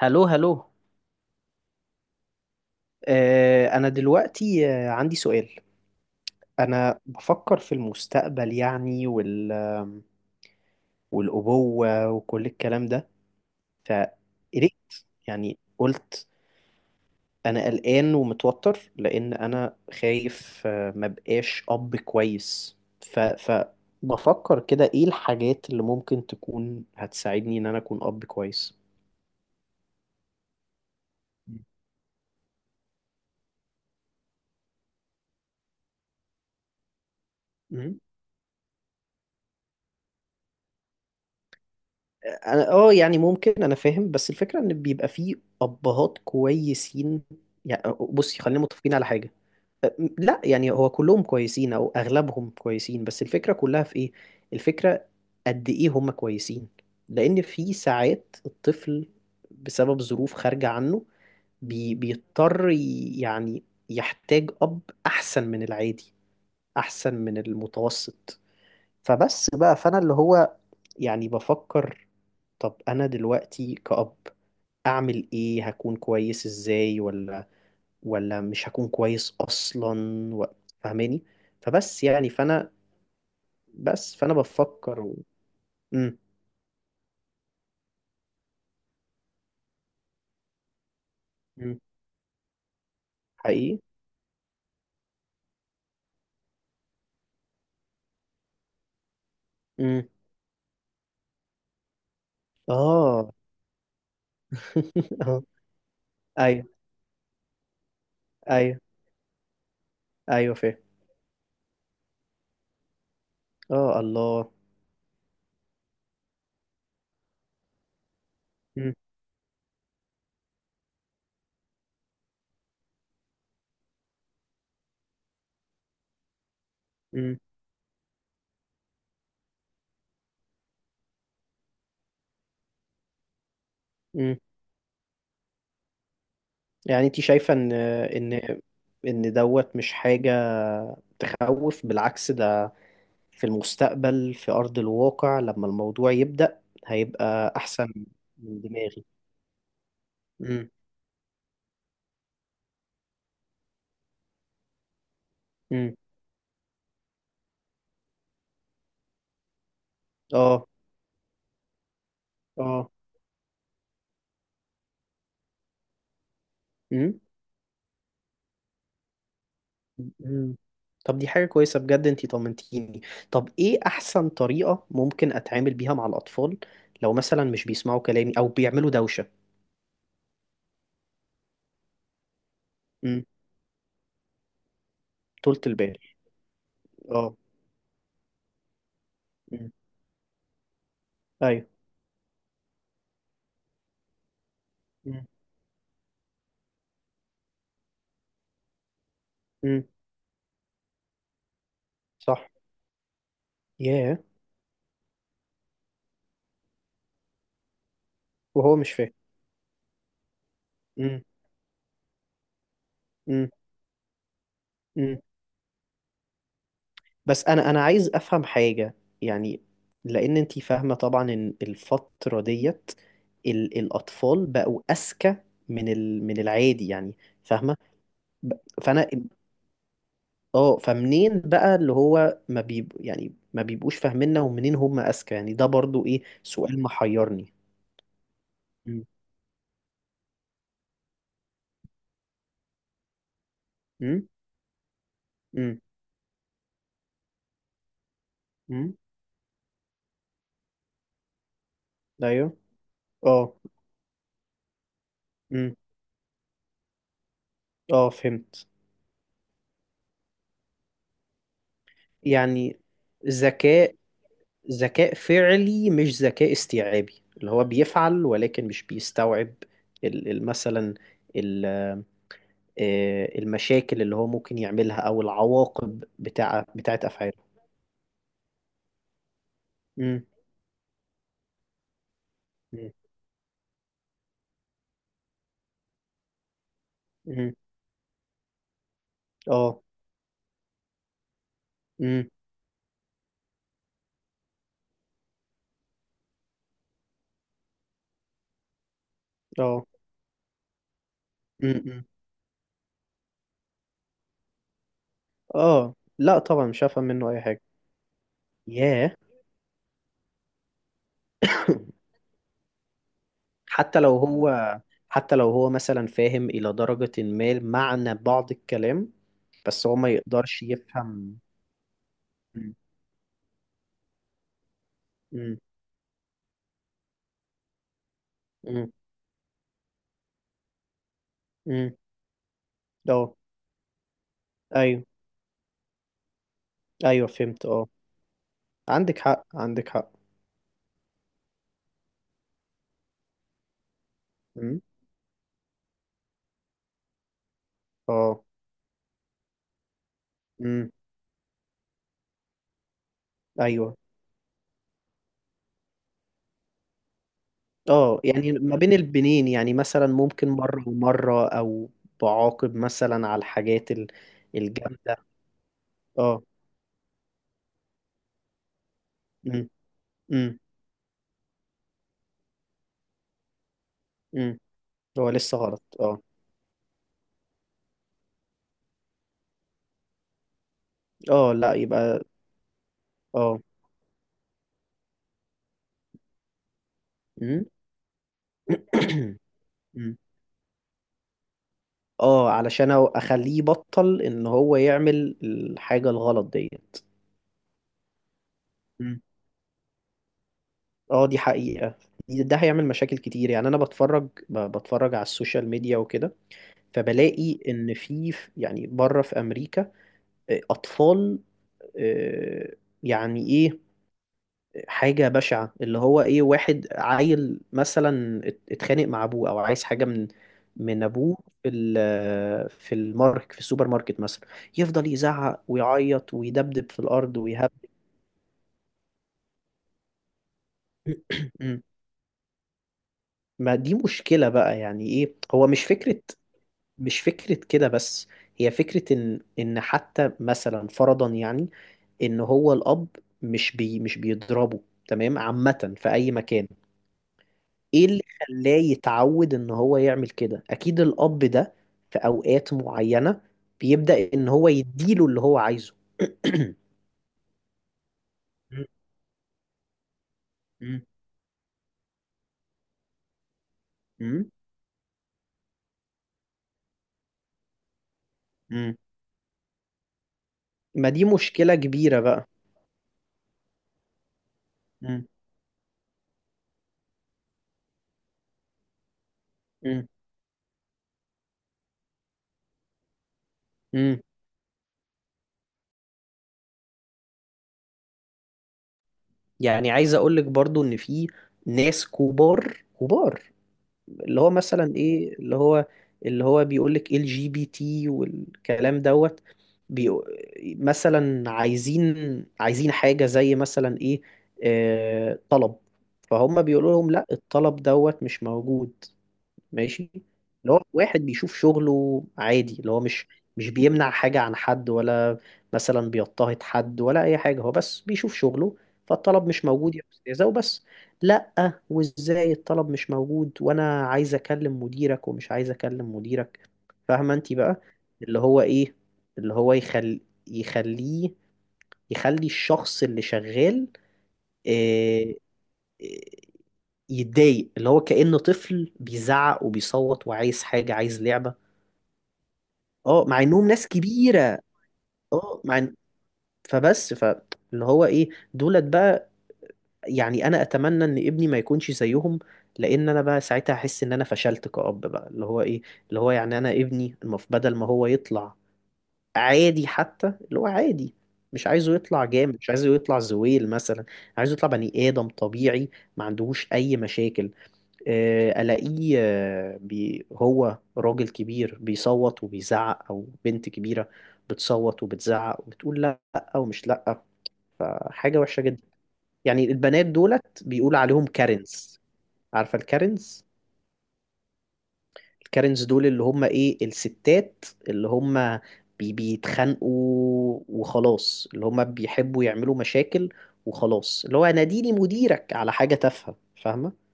هلو هلو. أنا دلوقتي عندي سؤال. أنا بفكر في المستقبل يعني والأبوة وكل الكلام ده. فقلقت يعني قلت أنا قلقان ومتوتر لأن أنا خايف ما بقاش أب كويس. ف... فبفكر كده إيه الحاجات اللي ممكن تكون هتساعدني إن أنا أكون أب كويس. مم. انا اه يعني ممكن انا فاهم، بس الفكره ان بيبقى فيه ابهات كويسين يعني. بصي خلينا متفقين على حاجه، لا يعني هو كلهم كويسين او اغلبهم كويسين، بس الفكره كلها في ايه؟ الفكره قد ايه هم كويسين؟ لان في ساعات الطفل بسبب ظروف خارجه عنه يعني يحتاج اب احسن من العادي، احسن من المتوسط. فبس بقى فانا اللي هو يعني بفكر، طب انا دلوقتي كأب اعمل ايه؟ هكون كويس ازاي ولا مش هكون كويس اصلا و... فاهماني؟ فبس يعني فانا، بس فانا بفكر مم. مم. حقيقي. مم. اه. آه. ايوه. ايوه. ايوه فاهم. اه الله. مم. مم. مم. يعني انت شايفة ان ان دوت مش حاجة تخوف؟ بالعكس، ده في المستقبل في أرض الواقع لما الموضوع يبدأ هيبقى أحسن من دماغي. امم امم. اه. اه. مم. مم. طب دي حاجة كويسة بجد، انتي طمنتيني. طب ايه أحسن طريقة ممكن أتعامل بيها مع الأطفال لو مثلا مش بيسمعوا كلامي أو بيعملوا دوشة؟ مم. طولة البال. اه. مم. أيوه. مم. مم. صح. ياه. وهو مش فاهم. مم. مم. مم. بس انا عايز افهم حاجة يعني، لان انتي فاهمة طبعا ان الفترة ديت الاطفال بقوا اذكى من العادي يعني، فاهمة؟ ب- فانا اه، فمنين بقى اللي هو ما بيب... يعني ما بيبقوش فاهميننا ومنين هم اذكى يعني؟ ده برضو ايه، سؤال محيرني. امم امم امم امم. ايوه. اه. امم. اه فهمت. يعني ذكاء، ذكاء فعلي مش ذكاء استيعابي، اللي هو بيفعل ولكن مش بيستوعب مثلا ال- المشاكل اللي هو ممكن يعملها او العواقب بتاعت افعاله. امم امم اه. امم. اه. امم. اه لا طبعا مش هفهم منه اي حاجه. ياه. حتى لو هو حتى لو هو مثلا فاهم الى درجه ما معنى بعض الكلام، بس هو ما يقدرش يفهم. امم امم امم. ايوه. ايوه فهمت اه. عندك حق، عندك حق. امم. اه. امم. ايوه. اه يعني ما بين البنين يعني مثلا ممكن مرة ومرة او بعاقب مثلا على الحاجات الجامدة. اه. امم امم امم. هو لسه غلط اه. اه لا يبقى. اه. امم. أمم. اه علشان اخليه يبطل ان هو يعمل الحاجة الغلط ديت. اه دي حقيقة. ده هيعمل مشاكل كتير. يعني انا بتفرج بتفرج على السوشيال ميديا وكده، فبلاقي ان يعني بره في امريكا اطفال، آه، يعني ايه، حاجة بشعة اللي هو ايه، واحد عيل مثلا اتخانق مع ابوه او عايز حاجة من ابوه في في المارك، في السوبر ماركت مثلا، يفضل يزعق ويعيط ويدبدب في الارض ويهب. مم. ما دي مشكلة بقى. يعني ايه، هو مش فكرة، مش فكرة كده بس، هي فكرة إن حتى مثلا فرضا يعني إن هو الأب مش بيضربه تمام عامة في أي مكان، إيه اللي خلاه يتعود إن هو يعمل كده؟ أكيد الأب ده في أوقات معينة بيبدأ إن هو يديله اللي هو عايزه. مم. مم. مم. مم. ما دي مشكلة كبيرة بقى. مم. مم. مم. يعني عايز أقولك برضو إن في ناس كبار كبار، اللي هو مثلا ايه، اللي هو، اللي هو بيقول لك ال جي بي تي والكلام دوت، بيقو- مثلا عايزين، عايزين حاجة زي مثلا ايه، طلب فهم، بيقولوا لهم لا الطلب دوت مش موجود، ماشي، اللي هو واحد بيشوف شغله عادي، اللي هو مش مش بيمنع حاجة عن حد ولا مثلا بيضطهد حد ولا أي حاجة، هو بس بيشوف شغله. فالطلب مش موجود يا أستاذة وبس. لأ وإزاي الطلب مش موجود، وأنا عايز أكلم مديرك ومش عايز أكلم مديرك. فاهمة أنت بقى، اللي هو إيه، اللي هو يخليه، يخلي الشخص اللي شغال آه، يتضايق، اللي هو كأنه طفل بيزعق وبيصوت وعايز حاجة، عايز لعبة. اه مع انهم ناس كبيرة. اه مع فبس فاللي هو ايه، دولت بقى، يعني انا اتمنى ان ابني ما يكونش زيهم، لان انا بقى ساعتها احس ان انا فشلت كأب بقى. اللي هو ايه، اللي هو يعني انا ابني المف، بدل ما هو يطلع عادي، حتى اللي هو عادي، مش عايزه يطلع جامد، مش عايزه يطلع زويل مثلا، عايزه يطلع بني آدم طبيعي ما عندهوش اي مشاكل. الاقيه هو راجل كبير بيصوت وبيزعق، او بنت كبيره بتصوت وبتزعق وبتقول لا ومش لا، فحاجه وحشه جدا. يعني البنات دولت بيقول عليهم كارنز. عارفه الكارنز؟ الكارنز دول اللي هم ايه، الستات اللي هم بيتخانقوا وخلاص، اللي هم بيحبوا يعملوا مشاكل وخلاص، اللي هو ناديني مديرك على حاجه تافهه. فاهمه.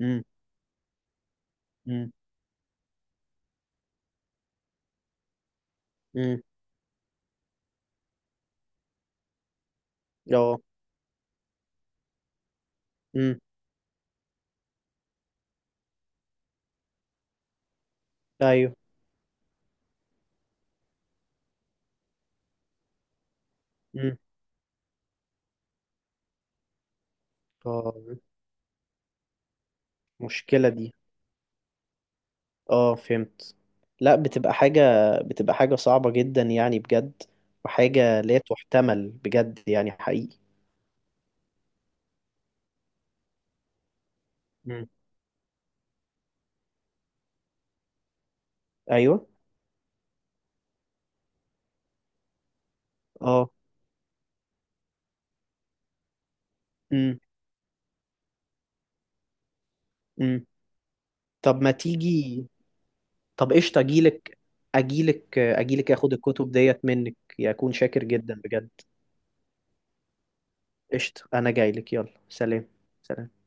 امم امم امم. اه. امم. ايوه. مم. اه مشكلة دي. اه فهمت. لا بتبقى حاجة، بتبقى حاجة صعبة جدا يعني بجد، وحاجة لا تحتمل بجد يعني حقيقي. مم. ايوه. اه. امم امم. طب ما تيجي. طب قشطة اجيلك، اجيلك اخد الكتب ديت منك، يكون شاكر جدا بجد. قشطة انا جايلك، يلا سلام. سلام.